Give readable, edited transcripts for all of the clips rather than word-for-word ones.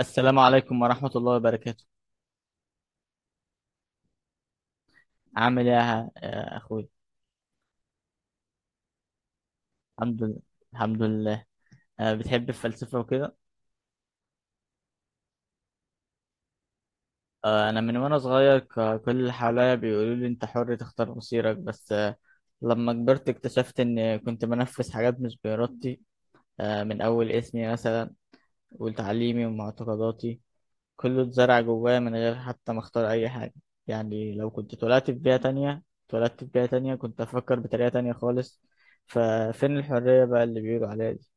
السلام عليكم ورحمة الله وبركاته. عامل ايه يا اخوي؟ الحمد لله. الحمد لله. بتحب الفلسفة وكده. انا من وانا صغير كل اللي حواليا بيقولوا لي انت حر تختار مصيرك بس لما كبرت اكتشفت ان كنت بنفذ حاجات مش بإرادتي. من اول اسمي مثلا وتعليمي ومعتقداتي، كله اتزرع جوايا من غير حتى ما اختار اي حاجة. يعني لو كنت اتولدت في بيئة تانية، كنت افكر بطريقة تانية خالص. ففين الحرية بقى اللي بيقولوا عليها دي؟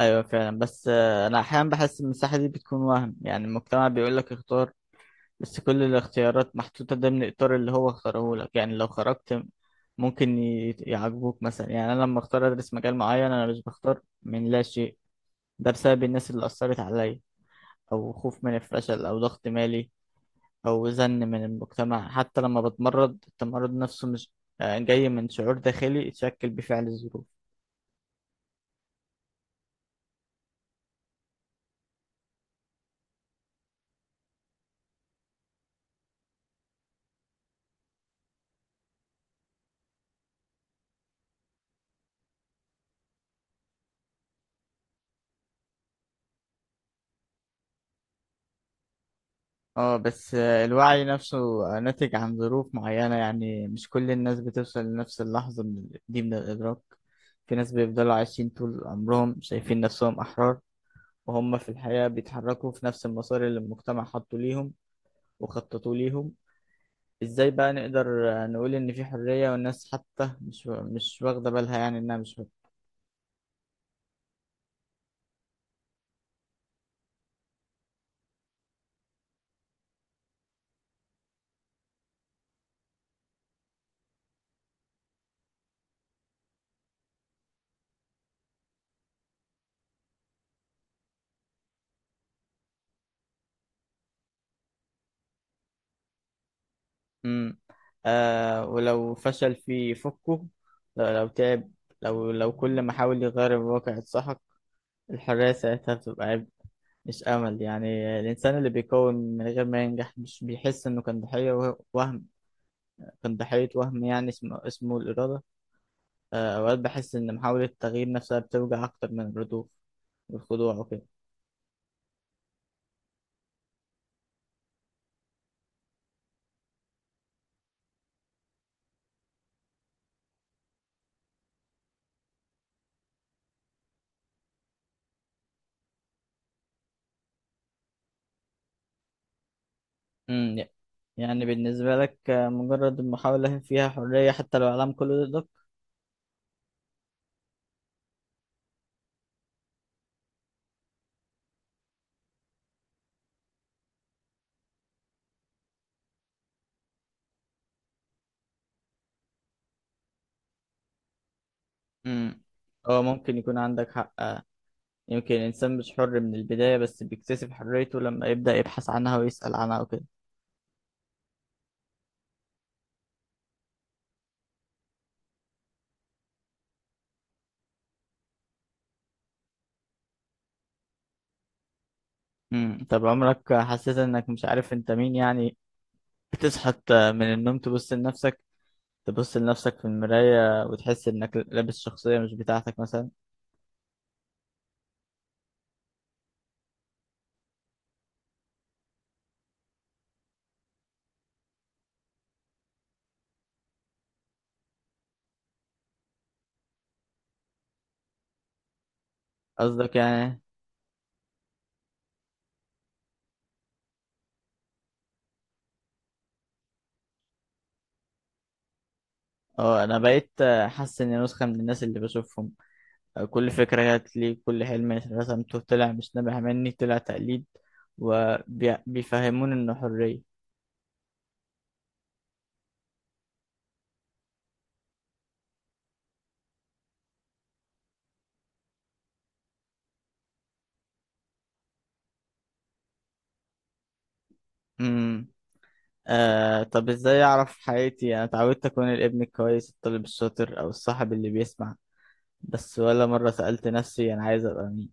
ايوه فعلا، بس انا احيانا بحس ان المساحه دي بتكون وهم، يعني المجتمع بيقول لك اختار، بس كل الاختيارات محطوطه ضمن اطار اللي هو اختاره لك. يعني لو خرجت ممكن يعجبوك مثلا. يعني انا لما اختار ادرس مجال معين انا مش بختار من لا شيء، ده بسبب الناس اللي اثرت عليا، او خوف من الفشل، او ضغط مالي، او زن من المجتمع. حتى لما بتمرض التمرض نفسه مش جاي من شعور داخلي اتشكل بفعل الظروف. اه بس الوعي نفسه ناتج عن ظروف معينة. يعني مش كل الناس بتوصل لنفس اللحظة من الإدراك. في ناس بيفضلوا عايشين طول عمرهم شايفين نفسهم أحرار، وهم في الحياة بيتحركوا في نفس المسار اللي المجتمع حطه ليهم وخططوا ليهم. ازاي بقى نقدر نقول إن في حرية والناس حتى مش واخدة بالها يعني إنها مش... امم. آه، ولو فشل في فكه؟ لو تعب؟ لو كل ما حاول يغير الواقع اتسحق؟ الحرية ساعتها بتبقى عبء مش أمل. يعني الإنسان اللي بيكون من غير ما ينجح مش بيحس إنه كان ضحية وهم، يعني اسمه الإرادة. آه، أوقات بحس إن محاولة التغيير نفسها بتوجع أكتر من الردوف والخضوع وكده. أمم، ي- يعني بالنسبة لك مجرد المحاولة فيها حرية حتى لو العالم كله ضدك؟ أمم، هو ممكن يكون عندك حق. يمكن الإنسان مش حر من البداية، بس بيكتسب حريته لما يبدأ يبحث عنها ويسأل عنها وكده. مم. طب عمرك حسيت انك مش عارف انت مين؟ يعني بتصحى من النوم، تبص لنفسك في المراية وتحس انك لابس شخصية مش بتاعتك مثلا. قصدك يعني إيه؟ اه، انا بقيت حاسس اني نسخة من الناس اللي بشوفهم. كل فكرة جات لي كل حلم رسمته طلع مش نابع مني، طلع تقليد وبيفهمون انه حرية. امم. آه، طب ازاي اعرف حقيقتي؟ انا اتعودت اكون الابن الكويس، الطالب الشاطر، او الصاحب اللي بيسمع بس، ولا مرة سألت نفسي أنا عايز أبقى مين.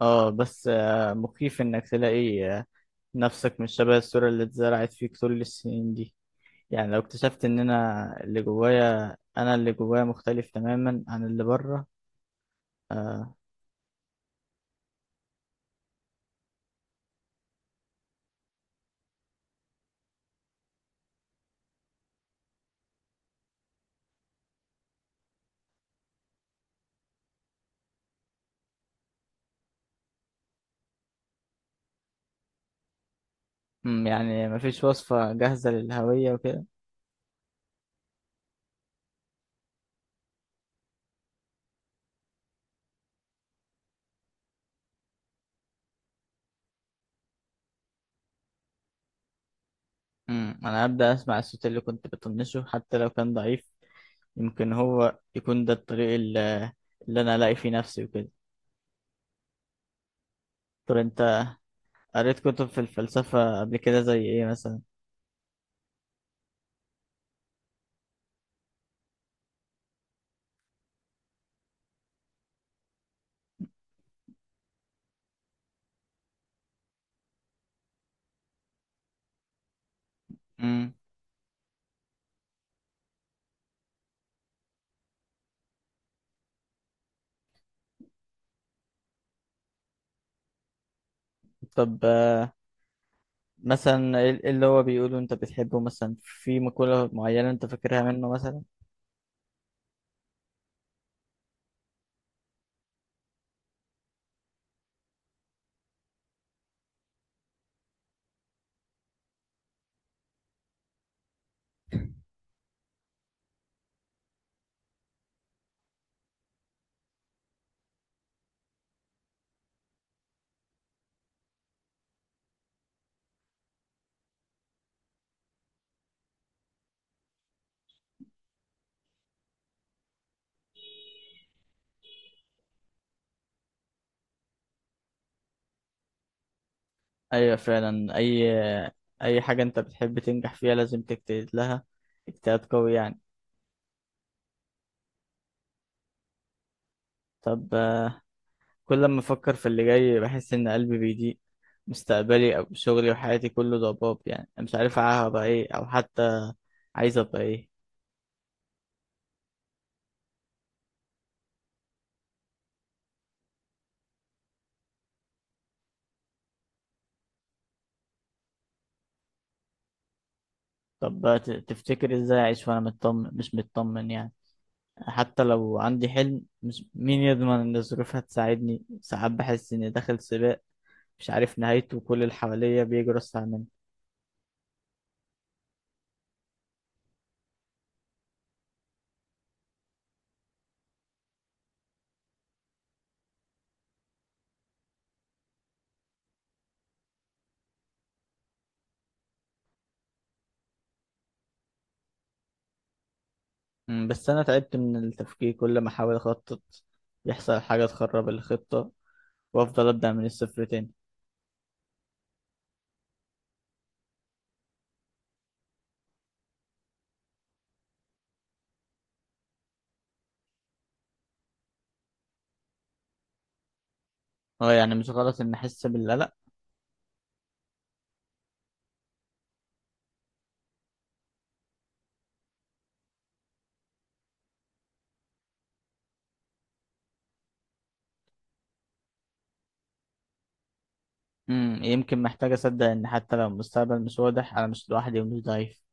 اه بس مخيف إنك تلاقي نفسك مش شبه الصورة اللي اتزرعت فيك طول السنين دي. يعني لو اكتشفت إن أنا اللي جوايا مختلف تماما عن اللي بره. آه. مم، يعني مفيش وصفة جاهزة للهوية وكده؟ مم، أنا هبدأ أسمع الصوت اللي كنت بطنشه حتى لو كان ضعيف. يمكن هو يكون ده الطريق اللي أنا ألاقي فيه نفسي وكده. طب أنت قريت كتب في الفلسفة قبل كده زي إيه مثلا؟ مم. طب مثلا إيه اللي هو بيقوله انت بتحبه؟ مثلا في مقولة معينة انت فاكرها منه مثلا؟ ايوه فعلا. اي حاجة انت بتحب تنجح فيها لازم تجتهد لها اجتهاد قوي يعني. طب كل ما افكر في اللي جاي بحس ان قلبي بيضيق. مستقبلي او شغلي وحياتي كله ضباب. يعني أنا مش عارف هبقى ايه او حتى عايز ابقى ايه. طب تفتكر ازاي اعيش وانا مطمن؟ مش مطمن يعني. حتى لو عندي حلم مش مين يضمن ان الظروف هتساعدني. ساعات بحس اني داخل سباق مش عارف نهايته وكل اللي حواليا بيجروا اسرع مني. أمم، بس انا تعبت من التفكير. كل ما احاول اخطط يحصل حاجة تخرب الخطة، وافضل ابدأ من الصفر تاني. اه، يعني مش غلط ان احس بالقلق؟ أمم، يمكن محتاج اصدق ان حتى لو المستقبل مش واضح انا مش لوحدي ومش ضعيف.